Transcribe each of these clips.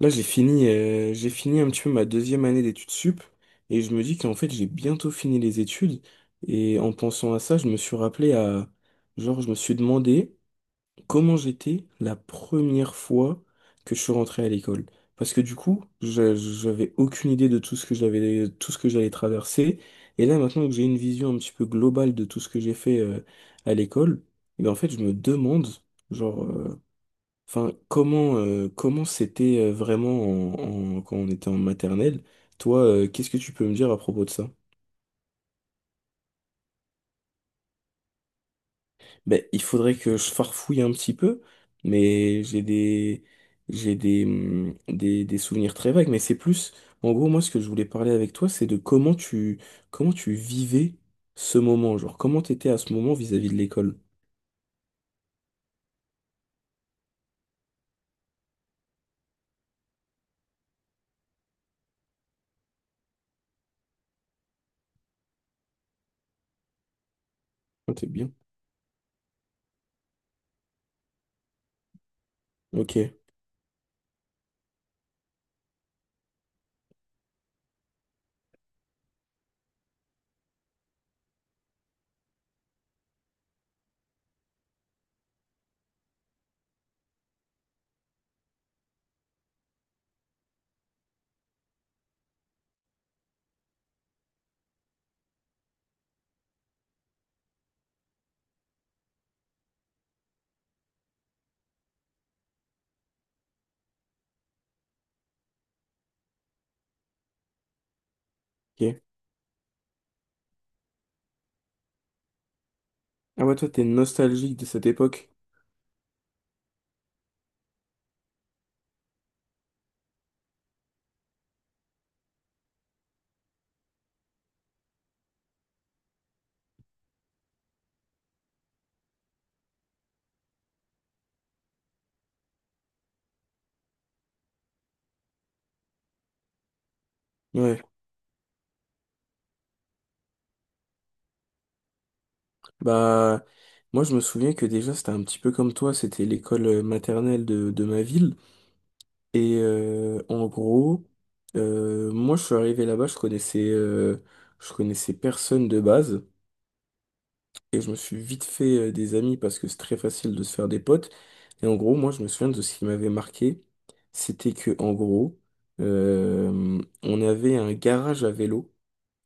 Là, j'ai fini un petit peu ma deuxième année d'études sup et je me dis qu'en fait, j'ai bientôt fini les études. Et en pensant à ça, je me suis demandé comment j'étais la première fois que je suis rentré à l'école. Parce que du coup, j'avais aucune idée de tout ce que j'avais, tout ce que j'allais traverser. Et là, maintenant que j'ai une vision un petit peu globale de tout ce que j'ai fait, à l'école, et en fait, je me demande, genre, euh, Enfin, comment comment c'était vraiment quand on était en maternelle? Toi, qu'est-ce que tu peux me dire à propos de ça? Ben, il faudrait que je farfouille un petit peu, mais j'ai des souvenirs très vagues. Mais c'est plus, en gros, moi, ce que je voulais parler avec toi, c'est de comment tu vivais ce moment, genre comment t'étais à ce moment vis-à-vis de l'école. Ah, t'es bien. Ok, ok. Ah ouais, toi, t'es nostalgique de cette époque. Ouais. Bah, moi je me souviens que déjà c'était un petit peu comme toi, c'était l'école maternelle de ma ville. Et en gros, moi je suis arrivé là-bas, je connaissais personne de base. Et je me suis vite fait des amis parce que c'est très facile de se faire des potes. Et en gros, moi je me souviens de ce qui m'avait marqué, c'était que en gros, on avait un garage à vélo,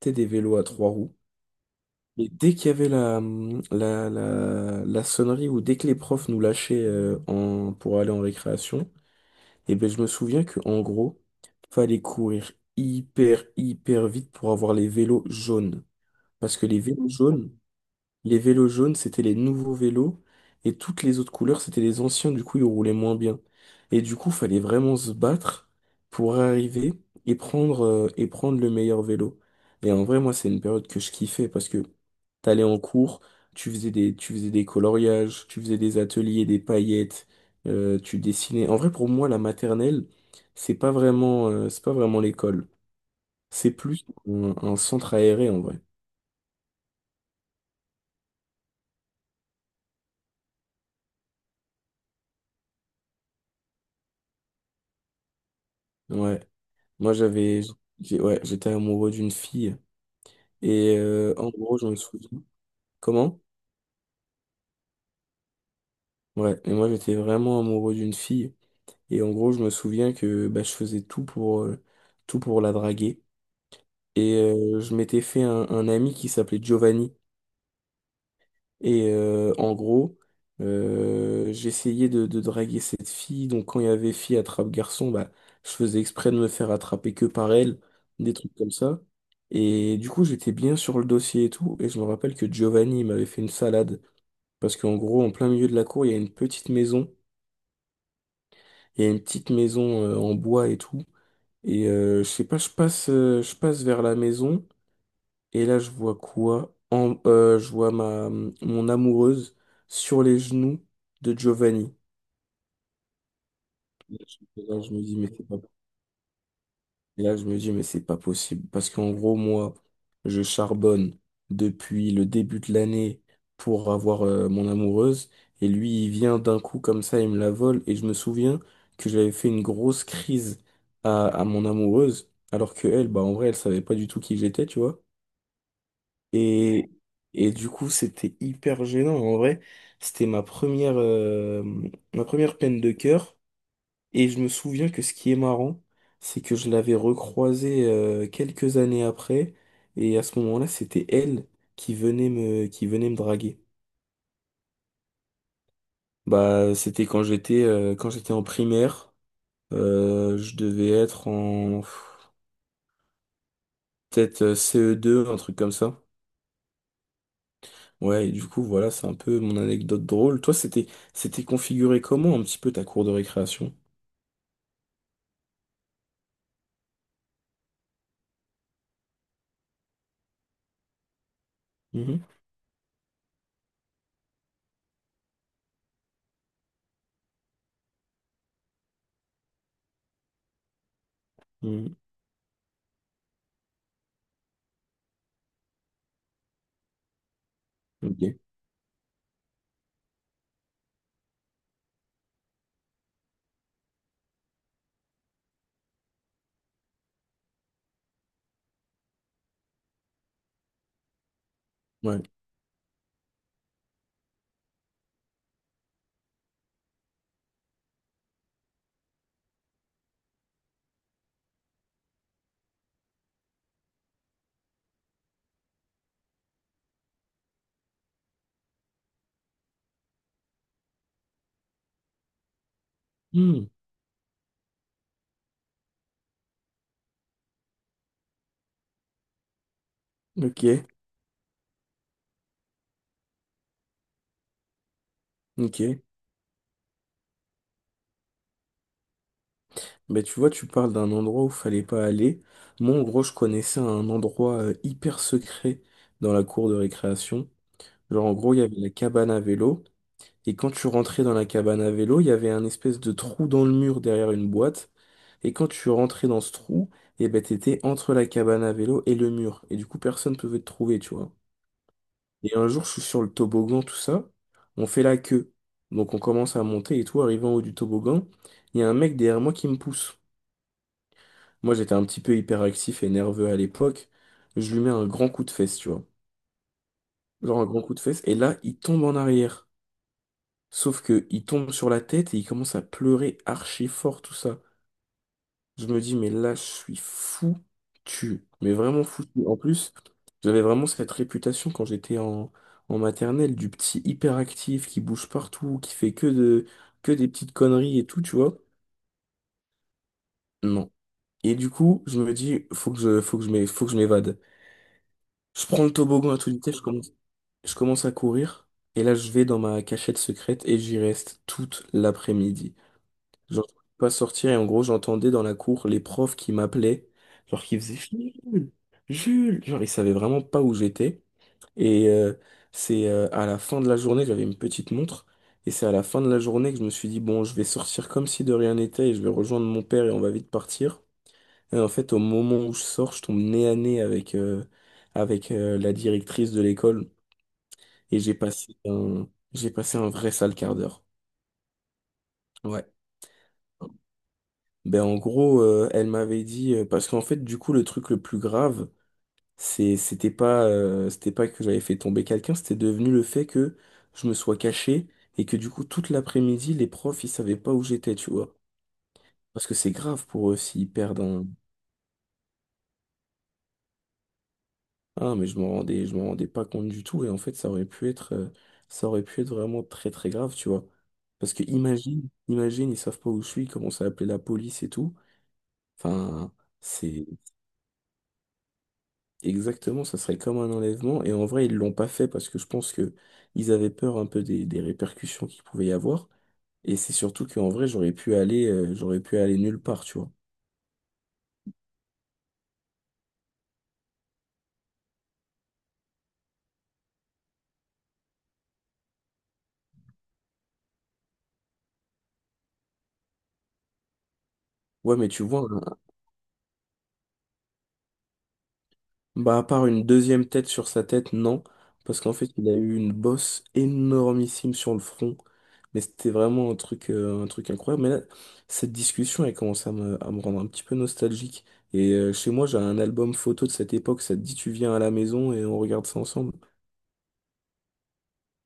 c'était des vélos à trois roues. Mais dès qu'il y avait la sonnerie ou dès que les profs nous lâchaient pour aller en récréation, et ben je me souviens que en gros, fallait courir hyper hyper vite pour avoir les vélos jaunes. Parce que les vélos jaunes, c'était les nouveaux vélos. Et toutes les autres couleurs, c'était les anciens. Du coup, ils roulaient moins bien. Et du coup, fallait vraiment se battre pour arriver et prendre le meilleur vélo. Et en vrai, moi, c'est une période que je kiffais parce que t'allais en cours, tu faisais des coloriages, tu faisais des ateliers, des paillettes, tu dessinais. En vrai, pour moi, la maternelle, c'est pas vraiment l'école. C'est plus un centre aéré, en vrai. Ouais. Moi, j'avais, ouais, j'étais amoureux d'une fille. Et en gros, je me souviens. Comment? Ouais, et moi, j'étais vraiment amoureux d'une fille. Et en gros, je me souviens que bah, je faisais tout pour la draguer. Et je m'étais fait un ami qui s'appelait Giovanni. Et en gros, j'essayais de draguer cette fille. Donc quand il y avait fille attrape garçon, bah, je faisais exprès de me faire attraper que par elle, des trucs comme ça. Et du coup, j'étais bien sur le dossier et tout. Et je me rappelle que Giovanni il m'avait fait une salade. Parce qu'en gros, en plein milieu de la cour, il y a une petite maison. Il y a une petite maison en bois et tout. Et je sais pas, je passe vers la maison. Et là, je vois quoi? Je vois mon amoureuse sur les genoux de Giovanni. Et là, je me dis, mais c'est pas, et là, je me dis, mais c'est pas possible. Parce qu'en gros, moi, je charbonne depuis le début de l'année pour avoir mon amoureuse. Et lui, il vient d'un coup comme ça, il me la vole. Et je me souviens que j'avais fait une grosse crise à mon amoureuse. Alors que elle, bah, en vrai, elle savait pas du tout qui j'étais, tu vois. Et, et du coup, c'était hyper gênant. En vrai, c'était ma première, euh, ma première peine de cœur. Et je me souviens que ce qui est marrant, c'est que je l'avais recroisée quelques années après. Et à ce moment-là, c'était elle qui venait me draguer. Bah, c'était quand j'étais en primaire. Je devais être en pff, peut-être CE2, un truc comme ça. Ouais, et du coup, voilà, c'est un peu mon anecdote drôle. Toi, c'était configuré comment un petit peu ta cour de récréation? Mhm. Mhm. Ok. Ouais. Mhm. Ok. Ok. Ben, tu vois, tu parles d'un endroit où fallait pas aller. Moi, en gros, je connaissais un endroit hyper secret dans la cour de récréation. Genre, en gros, il y avait la cabane à vélo. Et quand tu rentrais dans la cabane à vélo, il y avait un espèce de trou dans le mur derrière une boîte. Et quand tu rentrais dans ce trou, et ben t'étais entre la cabane à vélo et le mur. Et du coup, personne ne pouvait te trouver, tu vois. Et un jour, je suis sur le toboggan, tout ça. On fait la queue. Donc on commence à monter et tout, arrivé en haut du toboggan, il y a un mec derrière moi qui me pousse. Moi, j'étais un petit peu hyperactif et nerveux à l'époque. Je lui mets un grand coup de fesse, tu vois. Genre un grand coup de fesse. Et là, il tombe en arrière. Sauf que il tombe sur la tête et il commence à pleurer archi fort, tout ça. Je me dis, mais là, je suis foutu. Mais vraiment foutu. En plus, j'avais vraiment cette réputation quand en maternelle du petit hyperactif qui bouge partout, qui fait que de, que des petites conneries et tout, tu vois. Non. Et du coup, je me dis, faut que je m'é- faut que je m'évade. Je prends le toboggan à toute vitesse, je commence à courir. Et là, je vais dans ma cachette secrète et j'y reste toute l'après-midi. Genre, je pouvais pas sortir et en gros, j'entendais dans la cour les profs qui m'appelaient, genre qui faisaient Jules, Jules, genre ils savaient vraiment pas où j'étais. Et c'est à la fin de la journée, j'avais une petite montre, et c'est à la fin de la journée que je me suis dit, bon, je vais sortir comme si de rien n'était et je vais rejoindre mon père et on va vite partir. Et en fait, au moment où je sors, je tombe nez à nez avec, avec la directrice de l'école et j'ai passé un vrai sale quart d'heure. Ouais. Ben en gros, elle m'avait dit, parce qu'en fait, du coup, le truc le plus grave, c'était pas, c'était pas que j'avais fait tomber quelqu'un, c'était devenu le fait que je me sois caché et que du coup toute l'après-midi, les profs, ils savaient pas où j'étais, tu vois. Parce que c'est grave pour eux s'ils perdent un ah mais je m'en rendais pas compte du tout et en fait, ça aurait pu être vraiment très très grave, tu vois. Parce que imagine, ils savent pas où je suis, ils commencent à appeler la police et tout. Enfin, c'est Exactement, ça serait comme un enlèvement. Et en vrai, ils l'ont pas fait parce que je pense que ils avaient peur un peu des répercussions qu'il pouvait y avoir. Et c'est surtout qu'en vrai, j'aurais pu aller nulle part, tu vois. Ouais, mais tu vois, bah, à part une deuxième tête sur sa tête, non. Parce qu'en fait, il a eu une bosse énormissime sur le front. Mais c'était vraiment un truc incroyable. Mais là, cette discussion, elle commence à me rendre un petit peu nostalgique. Et chez moi, j'ai un album photo de cette époque. Ça te dit, tu viens à la maison et on regarde ça ensemble.